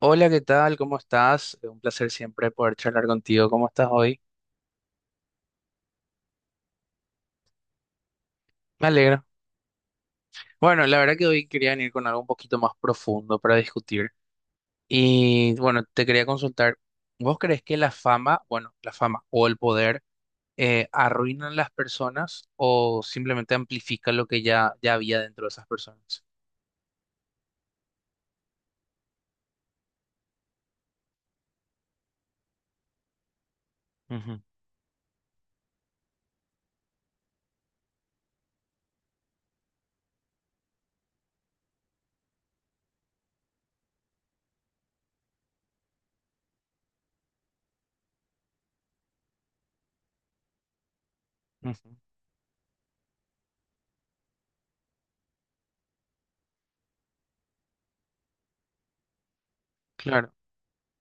Hola, ¿qué tal? ¿Cómo estás? Un placer siempre poder charlar contigo. ¿Cómo estás hoy? Me alegro. Bueno, la verdad que hoy quería venir con algo un poquito más profundo para discutir. Y bueno, te quería consultar, ¿vos crees que la fama, bueno, la fama o el poder arruinan las personas o simplemente amplifican lo que ya había dentro de esas personas? Ujú, ujú. Claro.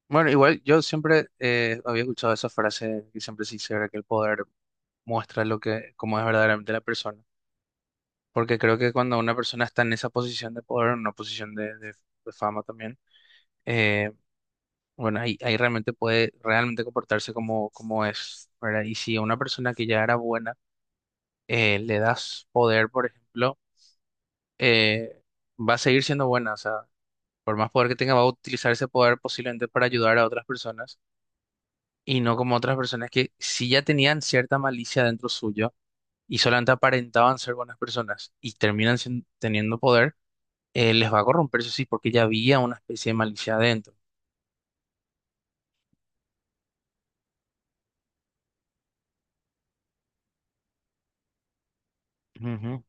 Bueno, igual yo siempre había escuchado esa frase que siempre se dice, ¿verdad? Que el poder muestra lo que, cómo es verdaderamente la persona. Porque creo que cuando una persona está en esa posición de poder, en una posición de de fama también, eh, bueno, ahí realmente puede realmente comportarse como, como es, ¿verdad? Y si a una persona que ya era buena le das poder, por ejemplo, eh, va a seguir siendo buena, o sea, por más poder que tenga, va a utilizar ese poder posiblemente para ayudar a otras personas y no como otras personas que si ya tenían cierta malicia dentro suyo y solamente aparentaban ser buenas personas y terminan teniendo poder, les va a corromper, eso sí, porque ya había una especie de malicia adentro. Ujú.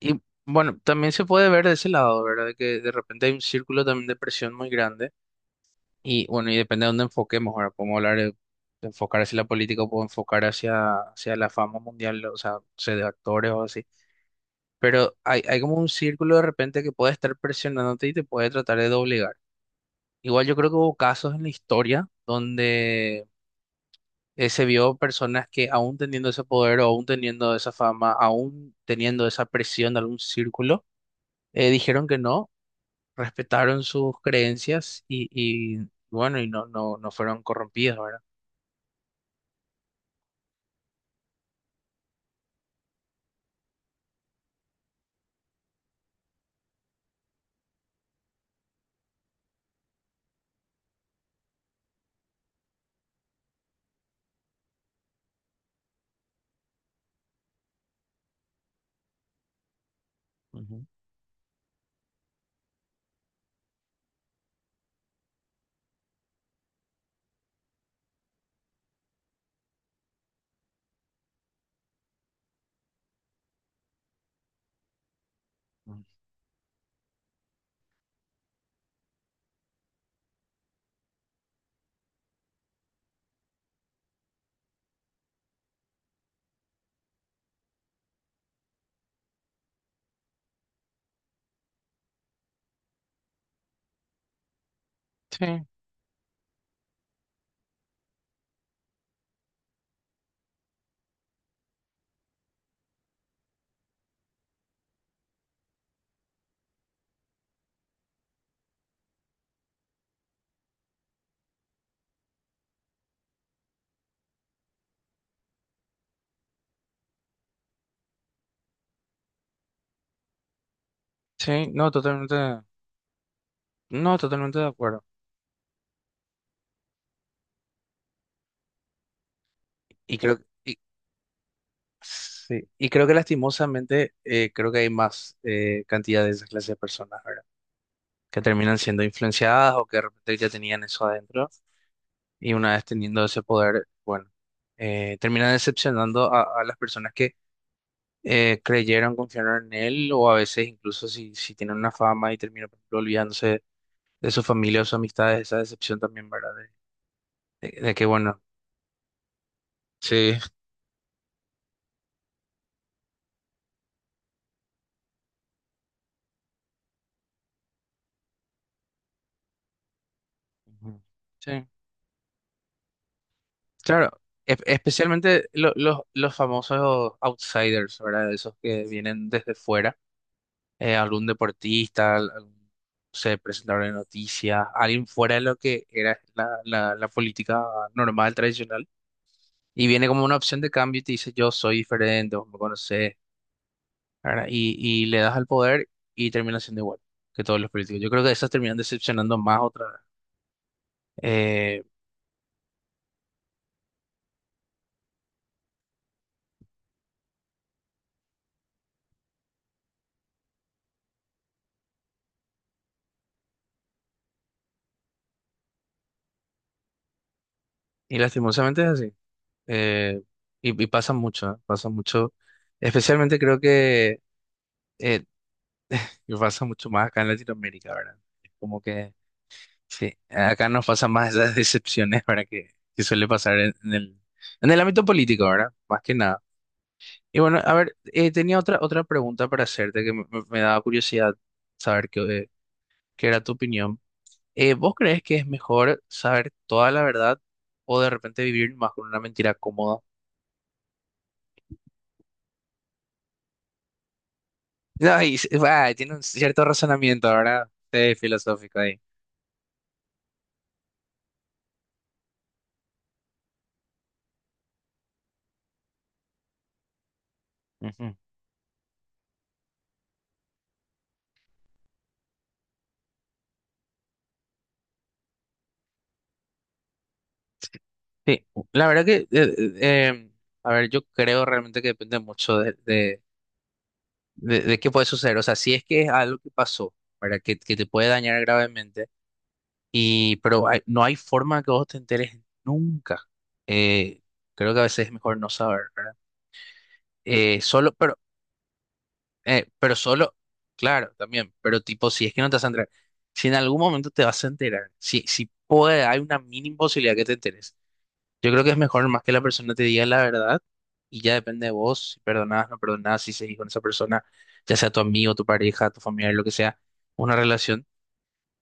Y bueno, también se puede ver de ese lado, ¿verdad? De que de repente hay un círculo también de presión muy grande y bueno, y depende de dónde enfoquemos, ahora podemos hablar de enfocar hacia la política o puedo enfocar hacia, hacia la fama mundial, o sea, no sé, de actores o así, pero hay como un círculo de repente que puede estar presionándote y te puede tratar de doblegar. Igual yo creo que hubo casos en la historia donde se vio personas que aún teniendo ese poder, o aún teniendo esa fama, aún teniendo esa presión de algún círculo, dijeron que no, respetaron sus creencias y bueno, y no, no, no fueron corrompidos, ¿verdad? Ujú. Ujú. Sí, sí, no, totalmente, no, totalmente de acuerdo. Y creo, y, sí, y creo que lastimosamente, creo que hay más cantidad de esa clase de personas, ¿verdad? Que terminan siendo influenciadas o que de repente ya tenían eso adentro. Y una vez teniendo ese poder, bueno, termina decepcionando a las personas que creyeron, confiaron en él, o a veces incluso si, si tienen una fama y termina, por ejemplo, olvidándose de su familia o sus amistades, esa decepción también, ¿verdad? De, de que, bueno, sí. Ujú. Sí, claro. Especialmente los famosos outsiders, ¿verdad? Esos que vienen desde fuera, algún deportista, algún, no sé, presentador de noticias, alguien fuera de lo que era la política normal, tradicional, y viene como una opción de cambio y te dice, yo soy diferente, vos me conocés, ¿verdad? Y le das al poder y termina siendo igual que todos los políticos. Yo creo que esas terminan decepcionando más otra vez. Eh, y lastimosamente es así. Eh, y pasa mucho, ¿eh? Pasa mucho. Especialmente creo que eh, y pasa mucho más acá en Latinoamérica, ¿verdad? Como que sí, acá nos pasan más esas decepciones, ¿verdad? Que suele pasar en el ámbito político, ¿verdad? Más que nada. Y bueno, a ver, tenía otra, otra pregunta para hacerte que me, me daba curiosidad saber qué, qué era tu opinión. ¿Vos crees que es mejor saber toda la verdad o de repente vivir más con una mentira cómoda? No, y, va, tiene un cierto razonamiento, ¿verdad? Sí, filosófico ahí. Ujú. Sí, la verdad que, a ver, yo creo realmente que depende mucho de qué puede suceder. O sea, si es que es algo que pasó, para que te puede dañar gravemente, y, pero no hay forma que vos te enteres nunca. Eh, creo que a veces es mejor no saber, ¿verdad? Solo, pero solo, claro, también, pero tipo, si es que no te vas a enterar, si en algún momento te vas a enterar, si, si puede, hay una mínima posibilidad que te enteres. Yo creo que es mejor más que la persona te diga la verdad y ya depende de vos, si perdonás, no perdonás, si seguís con esa persona, ya sea tu amigo, tu pareja, tu familiar, lo que sea, una relación,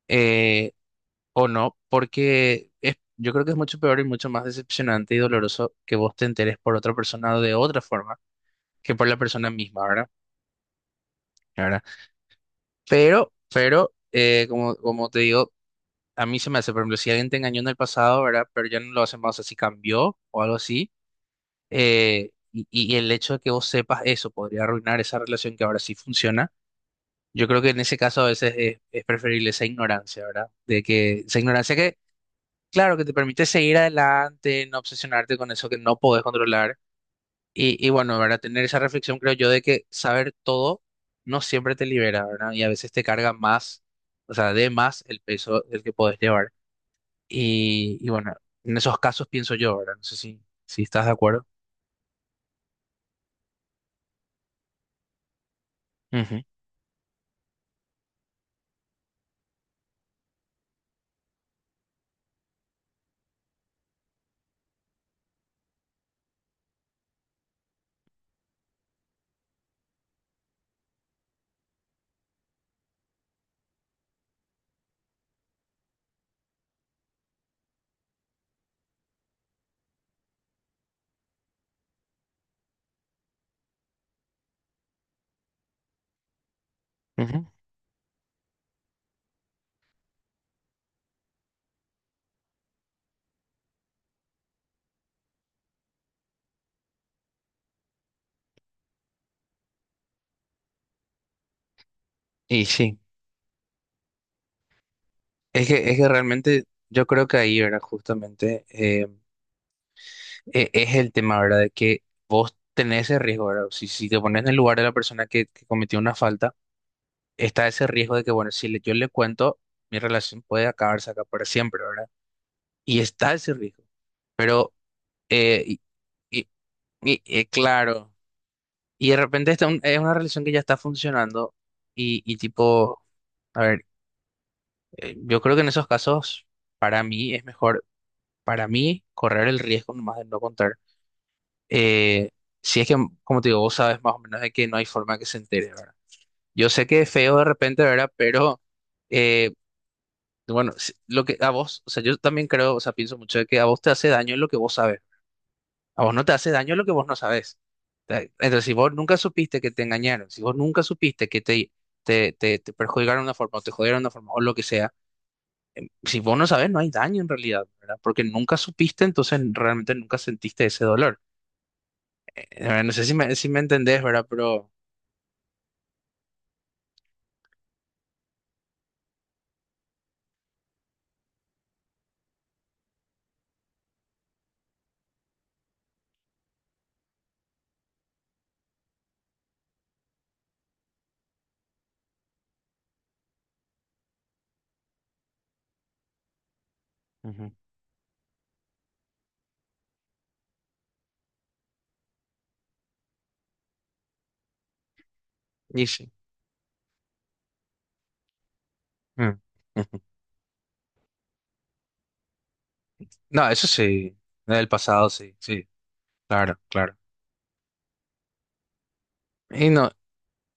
eh, o no, porque es, yo creo que es mucho peor y mucho más decepcionante y doloroso que vos te enteres por otra persona o de otra forma que por la persona misma, ¿verdad? ¿Verdad? Pero, como, como te digo, a mí se me hace, por ejemplo, si alguien te engañó en el pasado, ¿verdad? Pero ya no lo hace más, así cambió o algo así. Eh, y el hecho de que vos sepas eso podría arruinar esa relación que ahora sí funciona. Yo creo que en ese caso a veces es preferible esa ignorancia, ¿verdad? De que esa ignorancia que, claro, que te permite seguir adelante, no obsesionarte con eso que no podés controlar. Y bueno, ¿verdad? Tener esa reflexión, creo yo, de que saber todo no siempre te libera, ¿verdad? Y a veces te carga más, o sea, de más el peso del que podés llevar. Y bueno, en esos casos pienso yo, ¿verdad? No sé si, si estás de acuerdo. Ujú, ujú. Y sí. Es que realmente yo creo que ahí, ¿verdad? Justamente es el tema, ¿verdad? De que vos tenés ese riesgo, ¿verdad? Si, si te pones en el lugar de la persona que cometió una falta, está ese riesgo de que, bueno, si yo le cuento, mi relación puede acabarse acá para siempre, ¿verdad? Y está ese riesgo. Pero, y, y- claro, y de repente está es una relación que ya está funcionando y tipo, a ver, yo creo que en esos casos, para mí es mejor. Para mí, correr el riesgo nomás de no contar. Eh, si es que, como te digo, vos sabes más o menos de que no hay forma que se entere, ¿verdad? Yo sé que es feo de repente, ¿verdad? Pero, eh, bueno, lo que a vos, o sea, yo también creo, o sea, pienso mucho de que a vos te hace daño lo que vos sabes. A vos no te hace daño lo que vos no sabes. Entonces, si vos nunca supiste que te engañaron, si vos nunca supiste que te, te perjudicaron de una forma o te jodieron de una forma o lo que sea, si vos no sabes, no hay daño en realidad, ¿verdad? Porque nunca supiste, entonces realmente nunca sentiste ese dolor. Eh, no sé si me, si me entendés, ¿verdad? Pero, ujú, y sí. Mm, ujú. No, eso sí, del pasado sí, sí, claro, claro. Y no,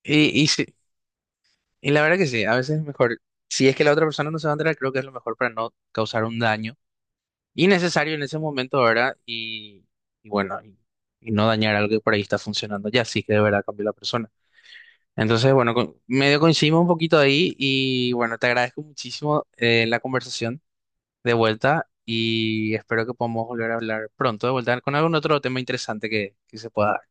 y sí, y la verdad que sí, a veces es mejor, si es que la otra persona no se va a enterar, creo que es lo mejor para no causar un daño innecesario en ese momento, ¿verdad? Y bueno, y no dañar algo que por ahí está funcionando ya, sí que de verdad cambió la persona. Entonces, bueno, medio coincidimos un poquito ahí y bueno, te agradezco muchísimo la conversación. De vuelta y espero que podamos volver a hablar pronto de vuelta con algún otro tema interesante que se pueda